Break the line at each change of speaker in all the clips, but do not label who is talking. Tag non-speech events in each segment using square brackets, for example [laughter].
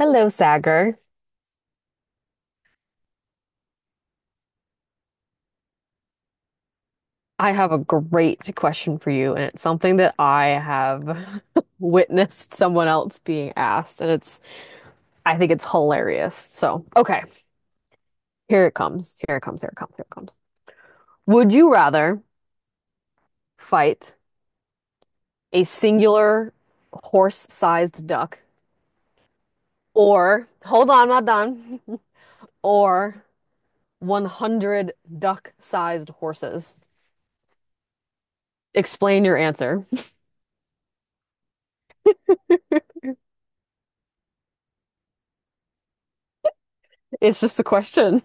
Hello, Sagar. I have a great question for you, and it's something that I have [laughs] witnessed someone else being asked, I think it's hilarious. So, okay, here it comes. Here it comes. Here it comes. Here it comes. Would you rather fight a singular horse-sized duck or, hold on, I'm not done, [laughs] or 100 duck-sized horses? Explain your answer. [laughs] It's just a question.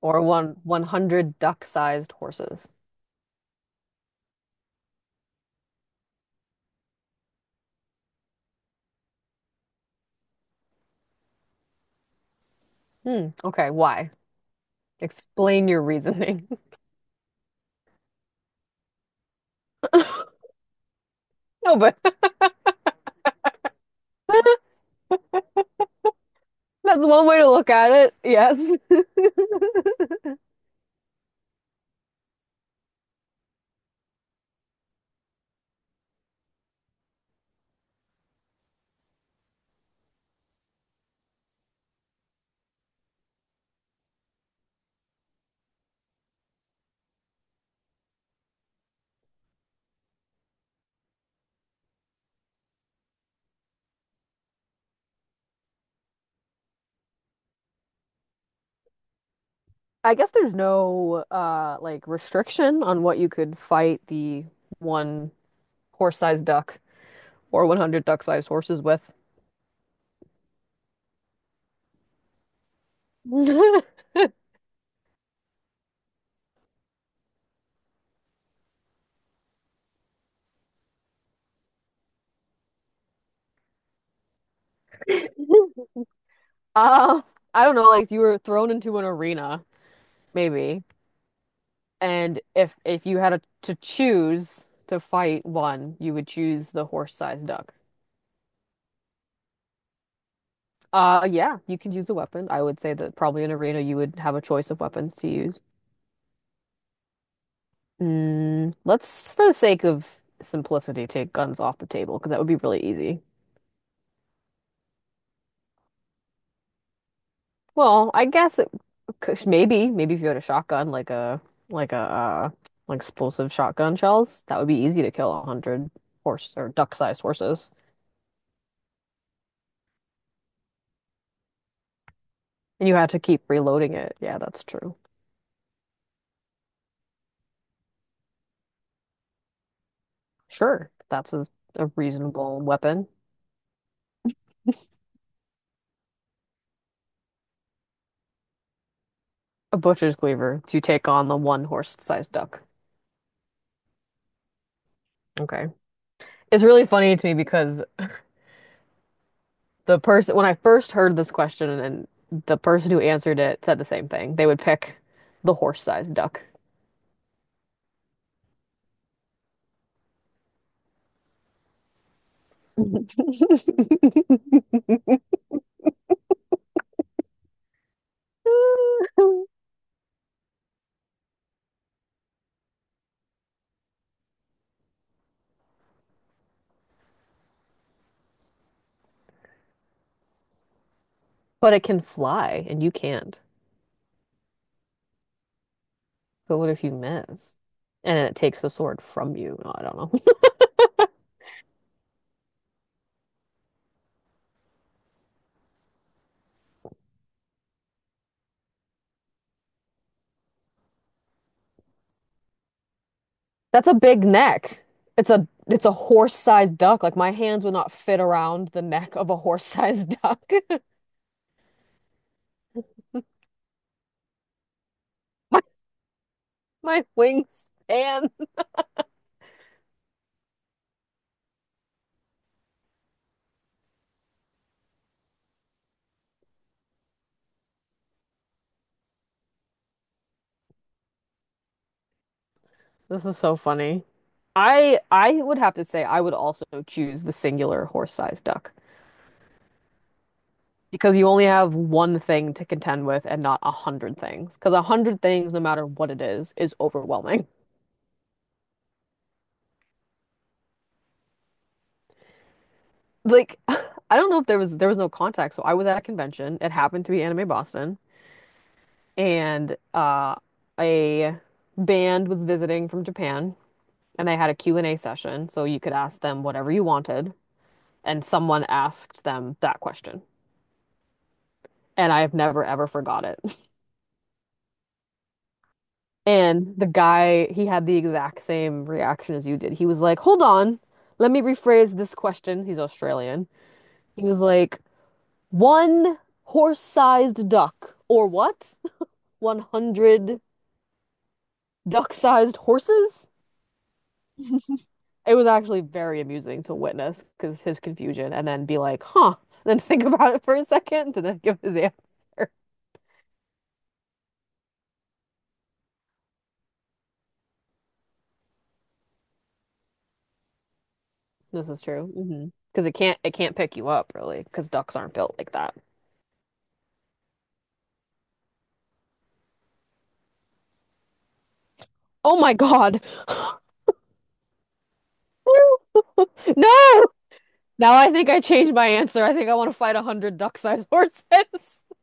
Or one 100 duck-sized horses. Hmm. Okay, why? Explain your reasoning. [laughs] No, but [laughs] that's one way to look at it. Yes. [laughs] I guess there's no restriction on what you could fight the one horse-sized duck or 100 duck-sized horses with. [laughs] Uh, I don't know, like if you were thrown into an arena, maybe. And if you had to choose to fight one, you would choose the horse-sized duck. Yeah, you could use a weapon. I would say that probably in arena you would have a choice of weapons to use. Mm, let's, for the sake of simplicity, take guns off the table because that would be really easy. Well, maybe if you had a shotgun, like a like a uh, like explosive shotgun shells, that would be easy to kill a hundred horse or duck-sized horses, and you had to keep reloading it. Yeah, that's true. Sure, a reasonable weapon. A butcher's cleaver to take on the one horse-sized duck. Okay. It's really funny to me because the person, when I first heard this question and the person who answered it said the same thing. They would pick the horse-sized duck. [laughs] But it can fly and you can't. But what if you miss? And it takes the sword from you. No, I don't know. That's a big neck. It's a horse-sized duck. Like my hands would not fit around the neck of a horse-sized [laughs] duck. [laughs] My, my wingspan. This is so funny. I would have to say I would also choose the singular horse-sized duck because you only have one thing to contend with and not a hundred things. Because a hundred things, no matter what it is overwhelming. Like [laughs] I don't know if there was no contact. So I was at a convention. It happened to be Anime Boston. And a band was visiting from Japan, and they had a Q and a session, so you could ask them whatever you wanted, and someone asked them that question. And I've never ever forgot it. [laughs] And the guy, he had the exact same reaction as you did. He was like, "Hold on, let me rephrase this question." He's Australian. He was like, "One horse-sized duck, or what? [laughs] 100 duck-sized horses?" It was actually very amusing to witness because his confusion and then be like, huh, [laughs] and then think about it for a second and then give his answer. [laughs] This is true. Hmm. Because it can't pick you up really because ducks aren't built like that. Oh my God. [laughs] Woo! No. Now I think I changed my answer. I think I want to fight a hundred duck-sized horses. [laughs] I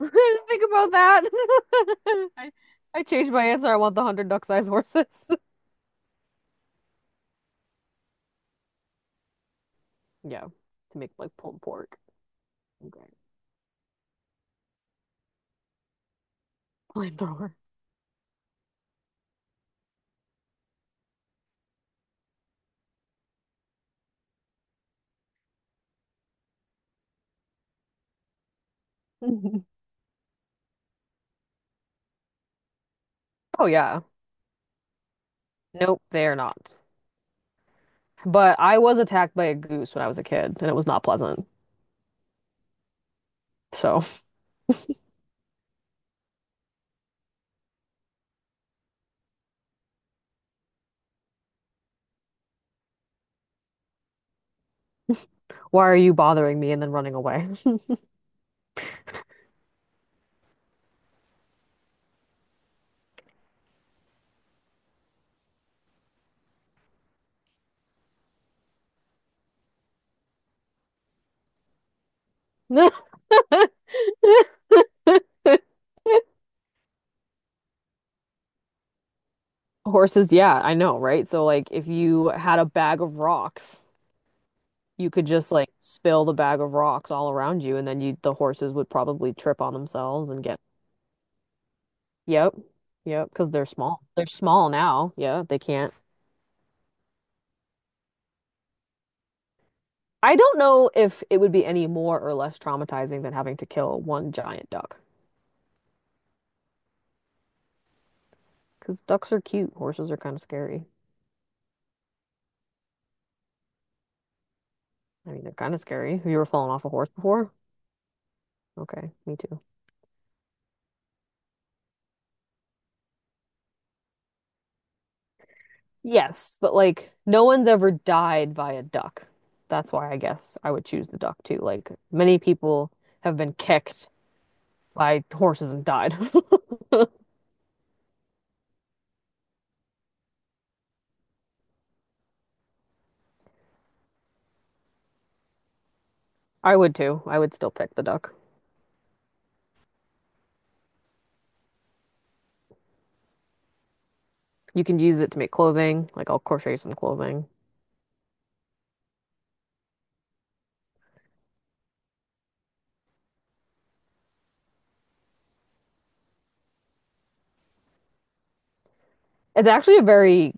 didn't think about that. [laughs] I, I changed my answer. I want the hundred duck-sized horses. [laughs] Yeah, to make like pulled pork. Okay. Flamethrower. [laughs] Oh yeah. Nope, they are not. But I was attacked by a goose when I was a kid, and it was not pleasant. So, why are you bothering me and then running away? [laughs] Horses, yeah, I know, right? So, like, if you had a bag of rocks, you could just like spill the bag of rocks all around you, and then you the horses would probably trip on themselves and get. Yep, yep, because they're small. They're small now. Yeah, they can't. I don't know if it would be any more or less traumatizing than having to kill one giant duck. Because ducks are cute. Horses are kind of scary. I mean, they're kind of scary. Have you ever fallen off a horse before? Okay, me too. Yes, but like no one's ever died by a duck. That's why I guess I would choose the duck too. Like many people have been kicked by horses and died. [laughs] I would too. I would still pick the duck. You can use it to make clothing. Like I'll crochet some clothing. It's actually a very,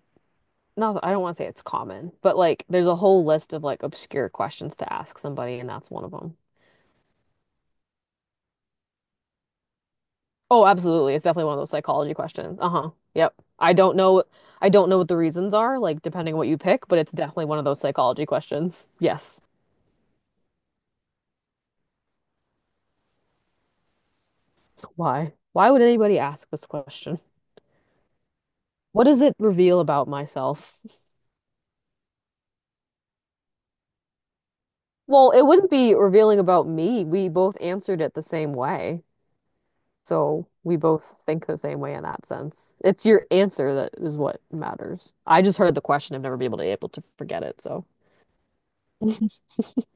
not, I don't want to say it's common, but like there's a whole list of like obscure questions to ask somebody, and that's one of them. Oh, absolutely. It's definitely one of those psychology questions. Uh-huh. Yep. I don't know I don't know what the reasons are, like depending on what you pick, but it's definitely one of those psychology questions. Yes. Why? Why would anybody ask this question? What does it reveal about myself? Well, it wouldn't be revealing about me. We both answered it the same way. So we both think the same way in that sense. It's your answer that is what matters. I just heard the question. I've never been able to forget it, so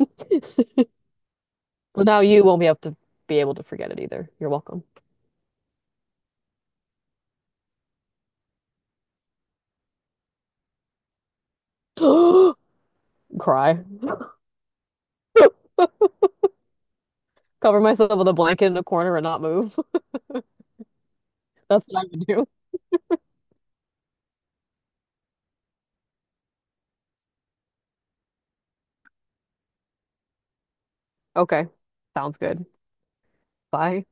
[laughs] Well, now you won't be able to forget it either. You're welcome. [gasps] Cry. [laughs] Cover myself with a blanket in a corner and not move. [laughs] That's what I would do. Okay. Sounds good. Bye.